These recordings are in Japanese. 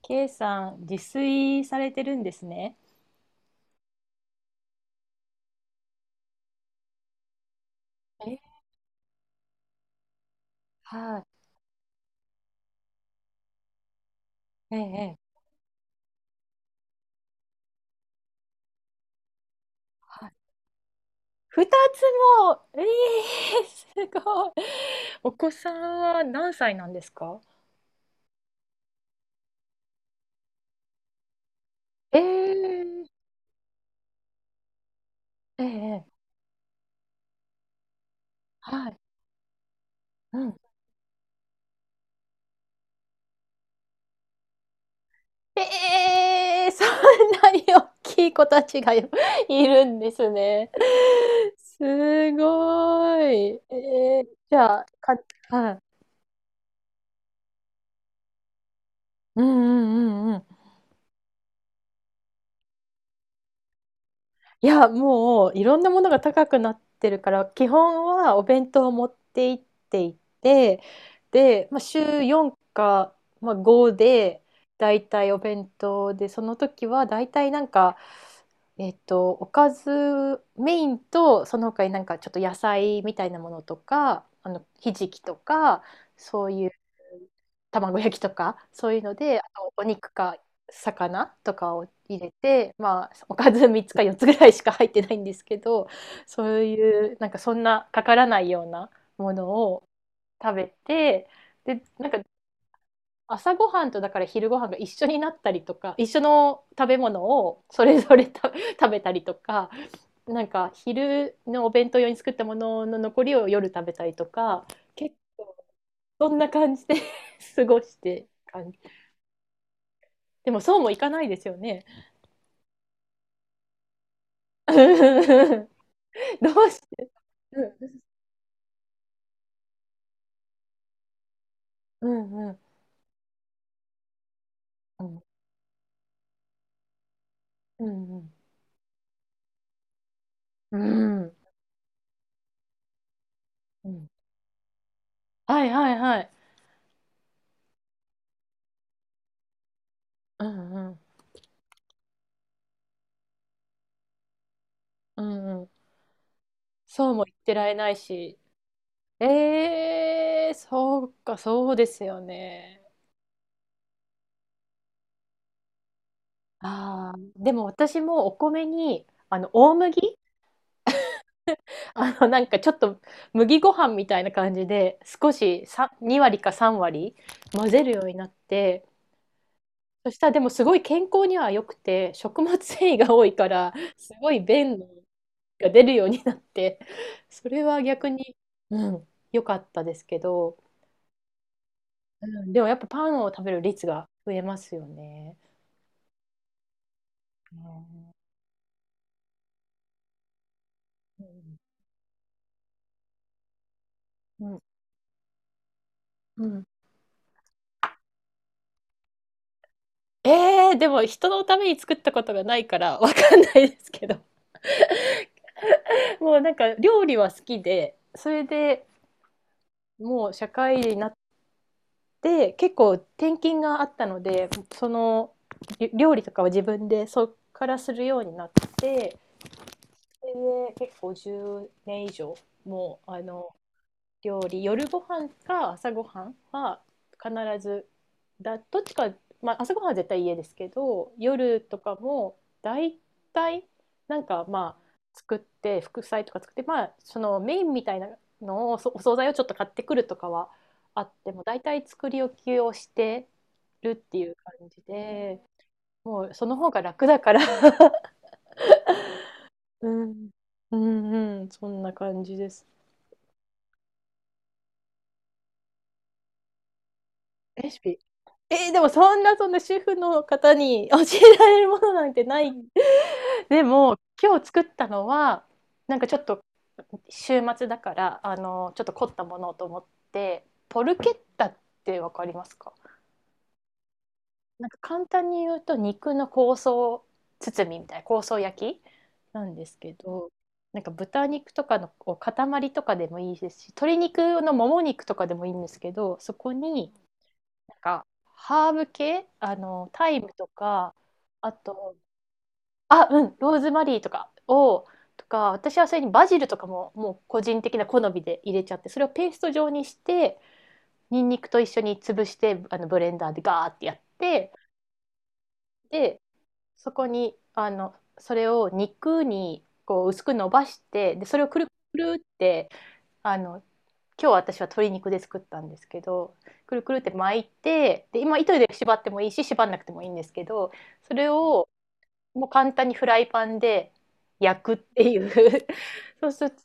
K さん、自炊されてるんですね。え、はい、ええ、ええはい。二つも、ええすごい。お子さんは何歳なんですか？ええ、ええ、ええはい、うん。ええ、そんなに大きい子たちがよいるんですね。すごい。ええ、じゃあ、か、はい。うんうんうんうん。いや、もういろんなものが高くなってるから、基本はお弁当を持って行っていて、で、まあ、週4か、まあ、5で、だいたいお弁当で、その時はだいたいなんか、おかずメインとその他になんかちょっと野菜みたいなものとかひじきとかそういう卵焼きとかそういうので、あとお肉か魚とかを入れて、まあ、おかず3つか4つぐらいしか入ってないんですけど、そういうなんかそんなかからないようなものを食べて、でなんか朝ごはんとだから昼ごはんが一緒になったりとか、一緒の食べ物をそれぞれた 食べたりとか、なんか昼のお弁当用に作ったものの残りを夜食べたりとか、結構そんな感じで 過ごして感じ。でもそうもいかないですよね。どうして、うんうんうんうんうんうん、はいはいはい、うんうんうんうん、そうも言ってられないし。ええ、そうか、そうですよね。ああ、でも私もお米に、大麦 なんかちょっと麦ご飯みたいな感じで、少しさ2割か3割混ぜるようになって、そしたらでもすごい健康には良くて、食物繊維が多いから、すごい便が出るようになって、それは逆に、うん、良かったですけど、うん、でもやっぱパンを食べる率が増えますよね。うんうんうん、うん。えー、でも人のために作ったことがないからわかんないですけど。もうなんか料理は好きで、それでもう社会人になって結構転勤があったので、そのり料理とかは自分でそっからするようになって、それで結構10年以上、もうあの料理夜ご飯か朝ごはんは必ずだどっちか、まあ、朝ごはんは絶対家ですけど、夜とかも大体、なんかまあ作って副菜とか作って、まあそのメインみたいなのをそお惣菜をちょっと買ってくるとかはあっても、大体作り置きをしてるっていう感じで、もうその方が楽だから。 うんうんうん、そんな感じです。レシピ、えー、でもそんな、そんな主婦の方に教えられるものなんてない。でも今日作ったのは、なんかちょっと週末だからちょっと凝ったものと思ってポルケッタってわかりますか？なんか簡単に言うと肉の香草包みみたいな香草焼きなんですけど、なんか豚肉とかのこう塊とかでもいいですし、鶏肉のもも肉とかでもいいんですけど、そこになんか、ハーブ系、タイムとか、あと、あ、うん、ローズマリーとかを、とか、私はそれにバジルとかも、もう個人的な好みで入れちゃって、それをペースト状にして、ニンニクと一緒に潰して、ブレンダーでガーってやって、で、そこに、それを肉に、こう、薄く伸ばして、で、それをくるくるって、あの、今日私は鶏肉で作ったんですけど、くるくるって巻いて、で今糸で縛ってもいいし縛んなくてもいいんですけど、それをもう簡単にフライパンで焼くっていう。 そうすると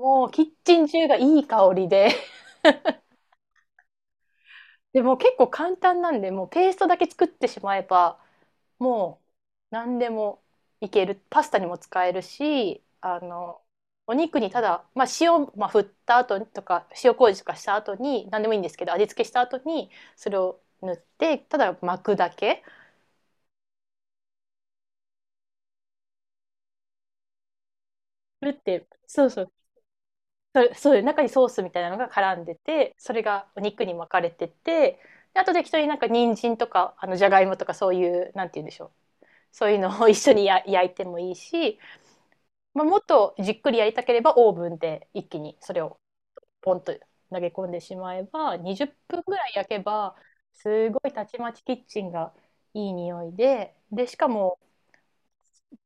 もうキッチン中がいい香りで、でもう結構簡単なんで、もうペーストだけ作ってしまえば、もう何でもいける。パスタにも使えるし、お肉にただ、まあ、塩、まあ、振った後とか、塩麹とかした後に、何でもいいんですけど、味付けした後に、それを塗って、ただ巻くだけ。それって、そうそう、それそういう中にソースみたいなのが絡んでて、それがお肉に巻かれてて、であと適当になんか人参とか、じゃがいもとかそういう、なんて言うんでしょう。そういうのを一緒にや焼いてもいいし、まあ、もっとじっくりやりたければオーブンで一気にそれをポンと投げ込んでしまえば、20分ぐらい焼けばすごいたちまちキッチンがいい匂いで、でしかも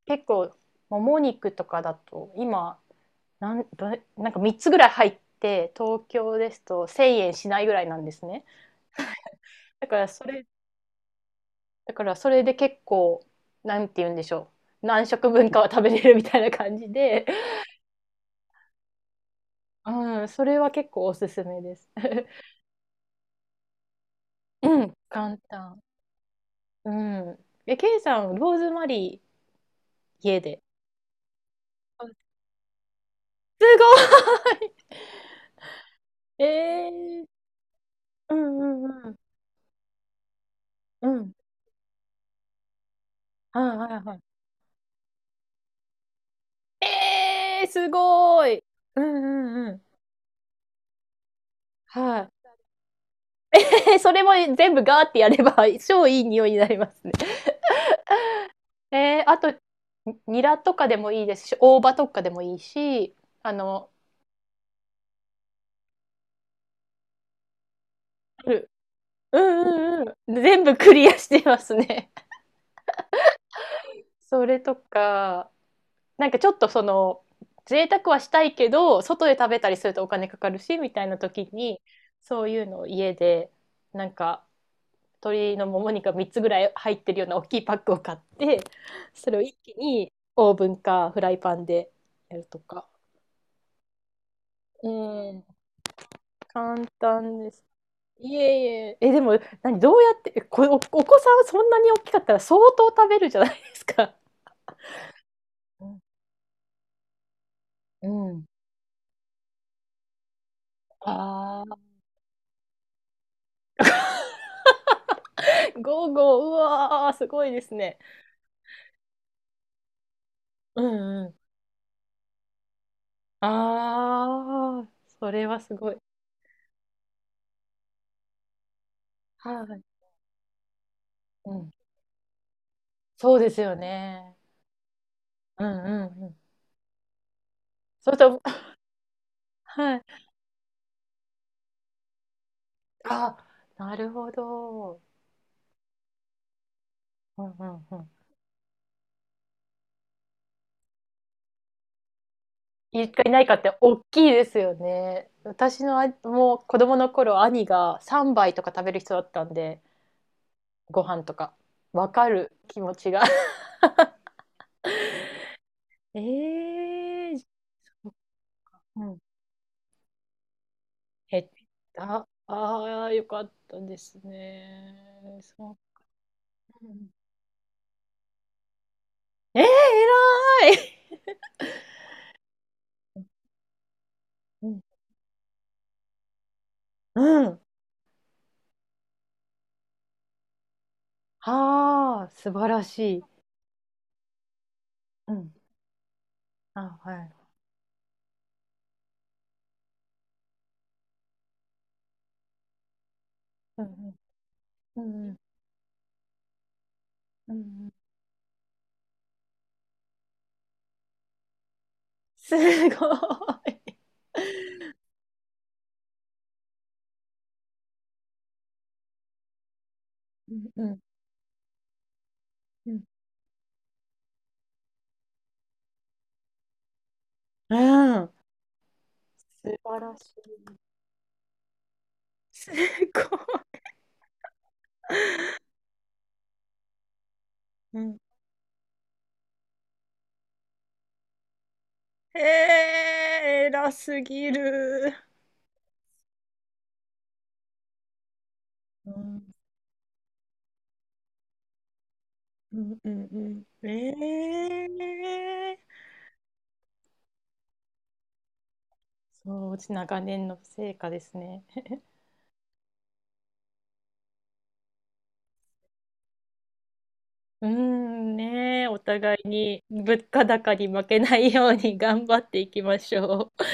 結構もも肉とかだと今なんどれなんか3つぐらい入って東京ですと1,000円しないぐらいなんですね。だからそれ、だからそれで結構、なんて言うんでしょう、何食分かは食べれるみたいな感じで、うん、それは結構おすすめです。うん、簡単。うん。え、ケイさん、ローズマリー家で。あ、すごい。 えー、うんうんうん。うん。はいはいはい。えー、すごい、うんうんうん。はい。それも全部ガーってやれば 超いい匂いになりますね。えー、あと、にニラとかでもいいですし、大葉とかでもいいし、あの、うんうんうんうん。全部クリアしてますね。それとか、なんかちょっとその贅沢はしたいけど外で食べたりするとお金かかるしみたいな時に、そういうのを家でなんか鶏のもも肉が3つぐらい入ってるような大きいパックを買って、それを一気にオーブンかフライパンでやるとか。うん、簡単です。いえいえ、え、でも、何、どうやって、えこ、お、お子さんはそんなに大きかったら相当食べるじゃないですか。うん。うん。ああ。ゴーゴー、うわー、すごいですね。うんうん。ああ、それはすごい。はい。うん。そうですよね。うんうんうん。それと、はい。あ、なるほど。うんうんうん。いるかいないかっておっきいですよね。私のあもう子供の頃、兄が3杯とか食べる人だったんで、ご飯とか。わかる気持ちが。ええー、うん。減った。ああ、よかったですね。そう。ええ、偉い。うん、うん。はあ、素晴らしい。うん。あ、はい。うんうん。うんうん。うんうん。すごい。うんうんうん。うーん。素晴らしい。すごい、うん。い。ええ、偉すぎる。うん。うんうんうんすごいうんうんうんうん素晴らしい、すごうんいええ。そう、うち長年の成果ですね。うーんねえ、お互いに物価高に負けないように頑張っていきましょう。